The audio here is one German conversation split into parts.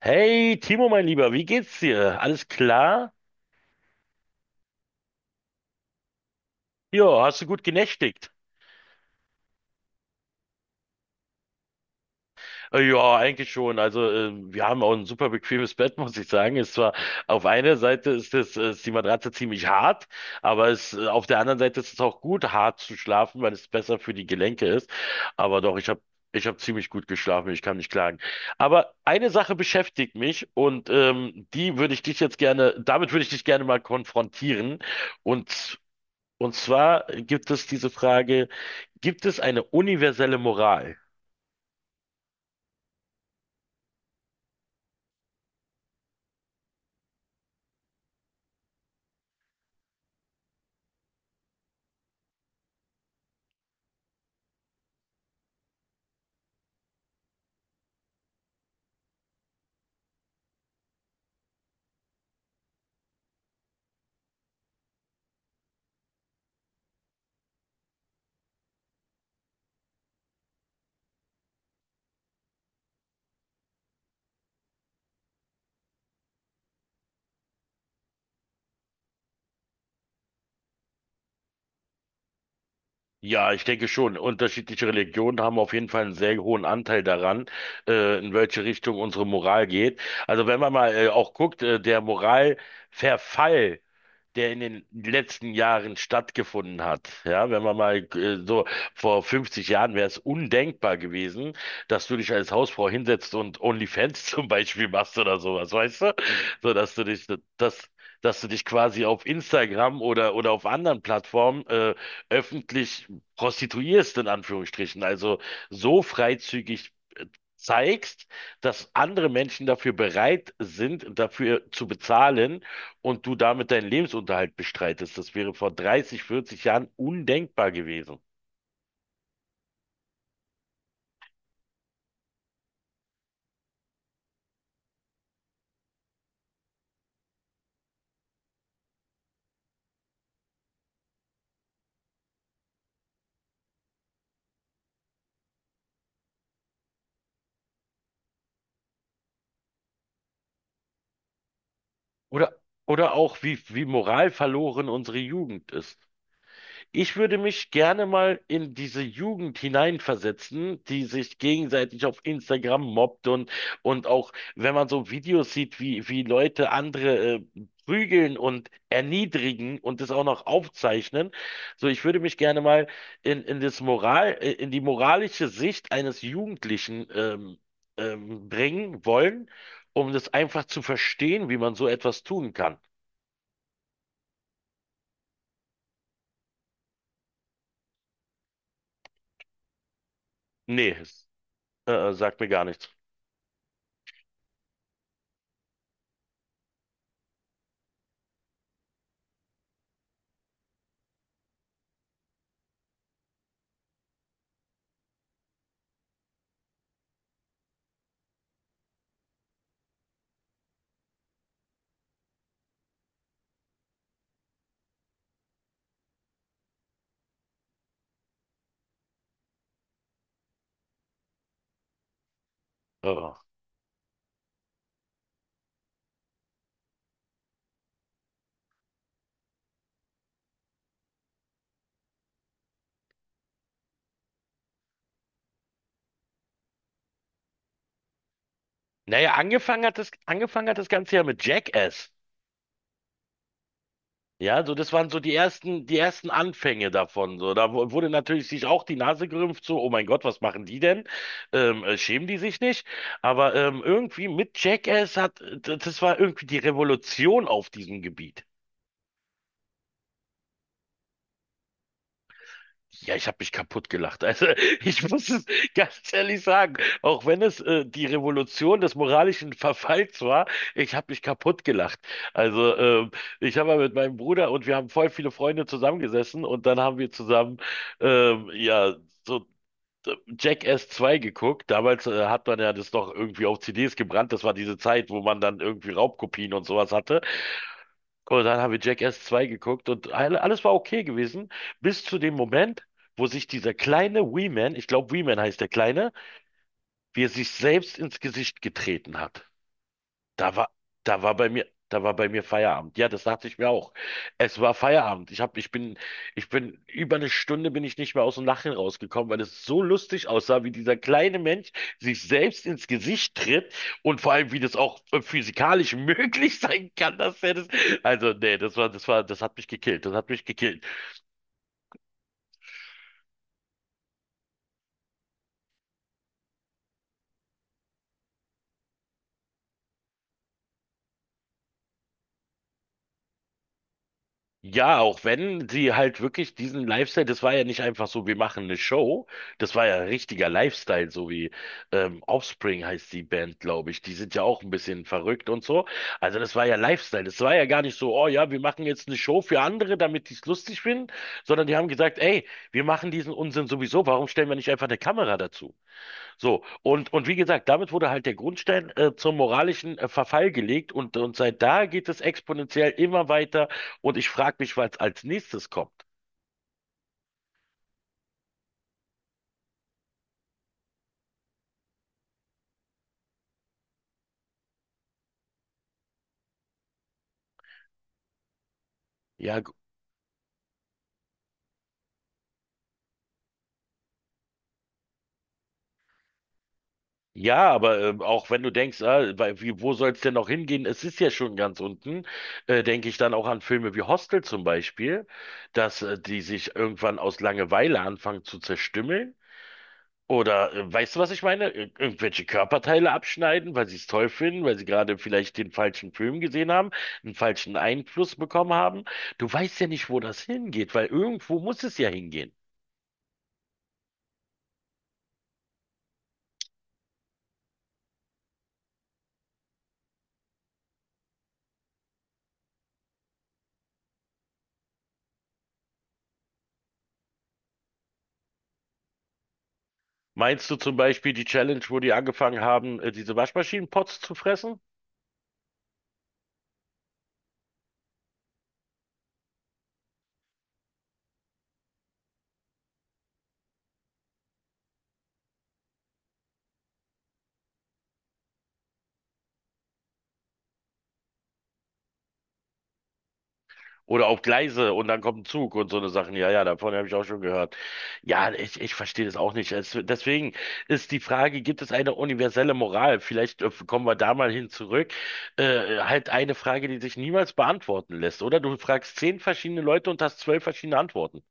Hey Timo, mein Lieber, wie geht's dir? Alles klar? Ja, hast du gut genächtigt? Ja, eigentlich schon. Also wir haben auch ein super bequemes Bett, muss ich sagen. Ist zwar auf einer Seite ist es ist die Matratze ziemlich hart, aber es auf der anderen Seite ist es auch gut, hart zu schlafen, weil es besser für die Gelenke ist. Aber doch, ich habe ziemlich gut geschlafen. Ich kann nicht klagen. Aber eine Sache beschäftigt mich und die würde ich dich jetzt gerne, damit würde ich dich gerne mal konfrontieren. Und Und zwar gibt es diese Frage, gibt es eine universelle Moral? Ja, ich denke schon. Unterschiedliche Religionen haben auf jeden Fall einen sehr hohen Anteil daran, in welche Richtung unsere Moral geht. Also wenn man mal auch guckt, der Moralverfall der in den letzten Jahren stattgefunden hat. Ja, wenn man mal so vor 50 Jahren wäre es undenkbar gewesen, dass du dich als Hausfrau hinsetzt und OnlyFans zum Beispiel machst oder sowas, weißt du? So, dass du dich, dass, dass du dich quasi auf Instagram oder auf anderen Plattformen öffentlich prostituierst, in Anführungsstrichen. Also so freizügig zeigst, dass andere Menschen dafür bereit sind, dafür zu bezahlen und du damit deinen Lebensunterhalt bestreitest. Das wäre vor 30, 40 Jahren undenkbar gewesen. Oder, oder auch, wie moralverloren unsere Jugend ist. Ich würde mich gerne mal in diese Jugend hineinversetzen, die sich gegenseitig auf Instagram mobbt, und auch wenn man so Videos sieht, wie Leute andere prügeln und erniedrigen und das auch noch aufzeichnen. So, ich würde mich gerne mal in das Moral, in die moralische Sicht eines Jugendlichen bringen wollen, um das einfach zu verstehen, wie man so etwas tun kann. Nee, sagt mir gar nichts. Äh. Naja, angefangen hat das Ganze ja mit Jackass. Ja, so das waren so die ersten Anfänge davon. So, da wurde natürlich sich auch die Nase gerümpft, so, oh mein Gott, was machen die denn? Schämen die sich nicht? Aber irgendwie mit Jackass das war irgendwie die Revolution auf diesem Gebiet. Ja, ich habe mich kaputt gelacht. Also ich muss es ganz ehrlich sagen, auch wenn es die Revolution des moralischen Verfalls war, ich habe mich kaputt gelacht. Also ich habe mal mit meinem Bruder und wir haben voll viele Freunde zusammengesessen und dann haben wir zusammen ja so Jackass 2 geguckt. Damals hat man ja das noch irgendwie auf CDs gebrannt. Das war diese Zeit, wo man dann irgendwie Raubkopien und sowas hatte. Und dann haben wir Jackass 2 geguckt und alles war okay gewesen, bis zu dem Moment, wo sich dieser kleine Wee-Man, ich glaube Wee-Man heißt der Kleine, wie er sich selbst ins Gesicht getreten hat. Da war, da war bei mir Feierabend. Ja, das dachte ich mir auch. Es war Feierabend. Ich bin über eine Stunde bin ich nicht mehr aus dem Lachen rausgekommen, weil es so lustig aussah, wie dieser kleine Mensch sich selbst ins Gesicht tritt und vor allem, wie das auch physikalisch möglich sein kann, dass er das, also, nee, das hat mich gekillt. Das hat mich gekillt. Ja, auch wenn sie halt wirklich diesen Lifestyle, das war ja nicht einfach so, wir machen eine Show, das war ja richtiger Lifestyle, so wie Offspring heißt die Band, glaube ich. Die sind ja auch ein bisschen verrückt und so. Also das war ja Lifestyle, das war ja gar nicht so, oh ja, wir machen jetzt eine Show für andere, damit die es lustig finden, sondern die haben gesagt, ey, wir machen diesen Unsinn sowieso, warum stellen wir nicht einfach eine Kamera dazu? Und wie gesagt, damit wurde halt der Grundstein zum moralischen Verfall gelegt, und seit da geht es exponentiell immer weiter und ich frage mich, was als nächstes kommt. Ja, gu- ja, aber auch wenn du denkst, ah, wo soll es denn noch hingehen? Es ist ja schon ganz unten, denke ich dann auch an Filme wie Hostel zum Beispiel, dass die sich irgendwann aus Langeweile anfangen zu zerstümmeln. Oder weißt du, was ich meine? Ir Irgendwelche Körperteile abschneiden, weil sie es toll finden, weil sie gerade vielleicht den falschen Film gesehen haben, einen falschen Einfluss bekommen haben. Du weißt ja nicht, wo das hingeht, weil irgendwo muss es ja hingehen. Meinst du zum Beispiel die Challenge, wo die angefangen haben, diese Waschmaschinenpots zu fressen? Oder auf Gleise und dann kommt ein Zug und so eine Sachen. Ja, ja, davon habe ich auch schon gehört. Ja, ich verstehe das auch nicht. Es, deswegen ist die Frage, gibt es eine universelle Moral? Vielleicht kommen wir da mal hin zurück. Halt eine Frage, die sich niemals beantworten lässt, oder? Du fragst zehn verschiedene Leute und hast zwölf verschiedene Antworten.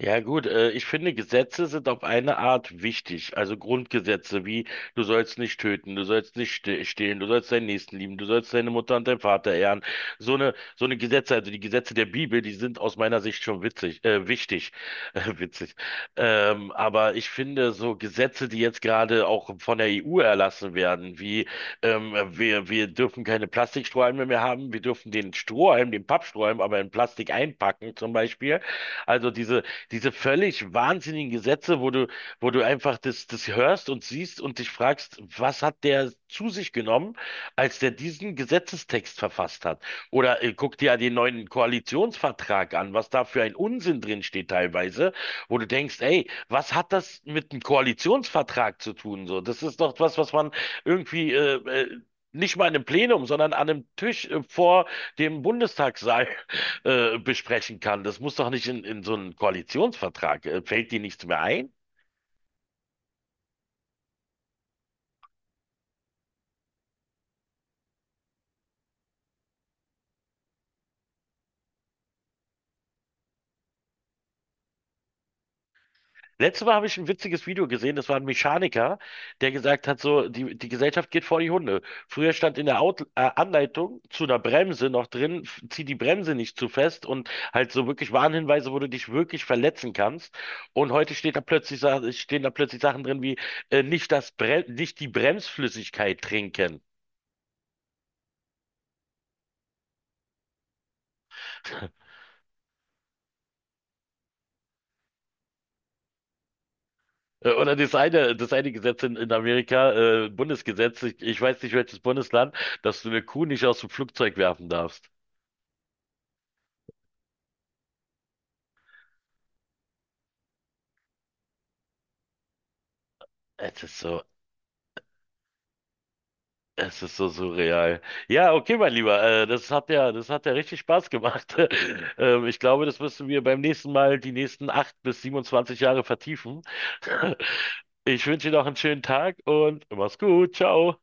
Ja gut, ich finde, Gesetze sind auf eine Art wichtig. Also Grundgesetze wie, du sollst nicht töten, du sollst nicht stehlen, du sollst deinen Nächsten lieben, du sollst deine Mutter und deinen Vater ehren. So eine Gesetze, also die Gesetze der Bibel, die sind aus meiner Sicht schon witzig, wichtig, witzig. Aber ich finde, so Gesetze, die jetzt gerade auch von der EU erlassen werden, wie wir dürfen keine Plastikstrohhalme mehr haben, wir dürfen den Strohhalm, den Pappstrohhalm, aber in Plastik einpacken zum Beispiel. Also diese völlig wahnsinnigen Gesetze, wo du einfach das hörst und siehst und dich fragst, was hat der zu sich genommen, als der diesen Gesetzestext verfasst hat? Oder guck dir ja den neuen Koalitionsvertrag an, was da für ein Unsinn drin steht teilweise, wo du denkst, ey, was hat das mit einem Koalitionsvertrag zu tun? So, das ist doch was, was man irgendwie nicht mal in einem Plenum, sondern an einem Tisch vor dem Bundestagssaal besprechen kann. Das muss doch nicht in so einen Koalitionsvertrag. Fällt dir nichts mehr ein? Letztes Mal habe ich ein witziges Video gesehen, das war ein Mechaniker, der gesagt hat, so, die Gesellschaft geht vor die Hunde. Früher stand in der Out Anleitung zu einer Bremse noch drin, zieh die Bremse nicht zu fest, und halt so wirklich Warnhinweise, wo du dich wirklich verletzen kannst. Und heute steht da plötzlich, stehen da plötzlich Sachen drin wie, nicht das Bre nicht die Bremsflüssigkeit trinken. Oder das eine Gesetz in Amerika, Bundesgesetz, ich weiß nicht welches Bundesland, dass du eine Kuh nicht aus dem Flugzeug werfen darfst. Es ist so. Es ist so surreal. Ja, okay, mein Lieber, das hat ja richtig Spaß gemacht. Ich glaube, das müssen wir beim nächsten Mal die nächsten acht bis 27 Jahre vertiefen. Ich wünsche dir noch einen schönen Tag und mach's gut. Ciao.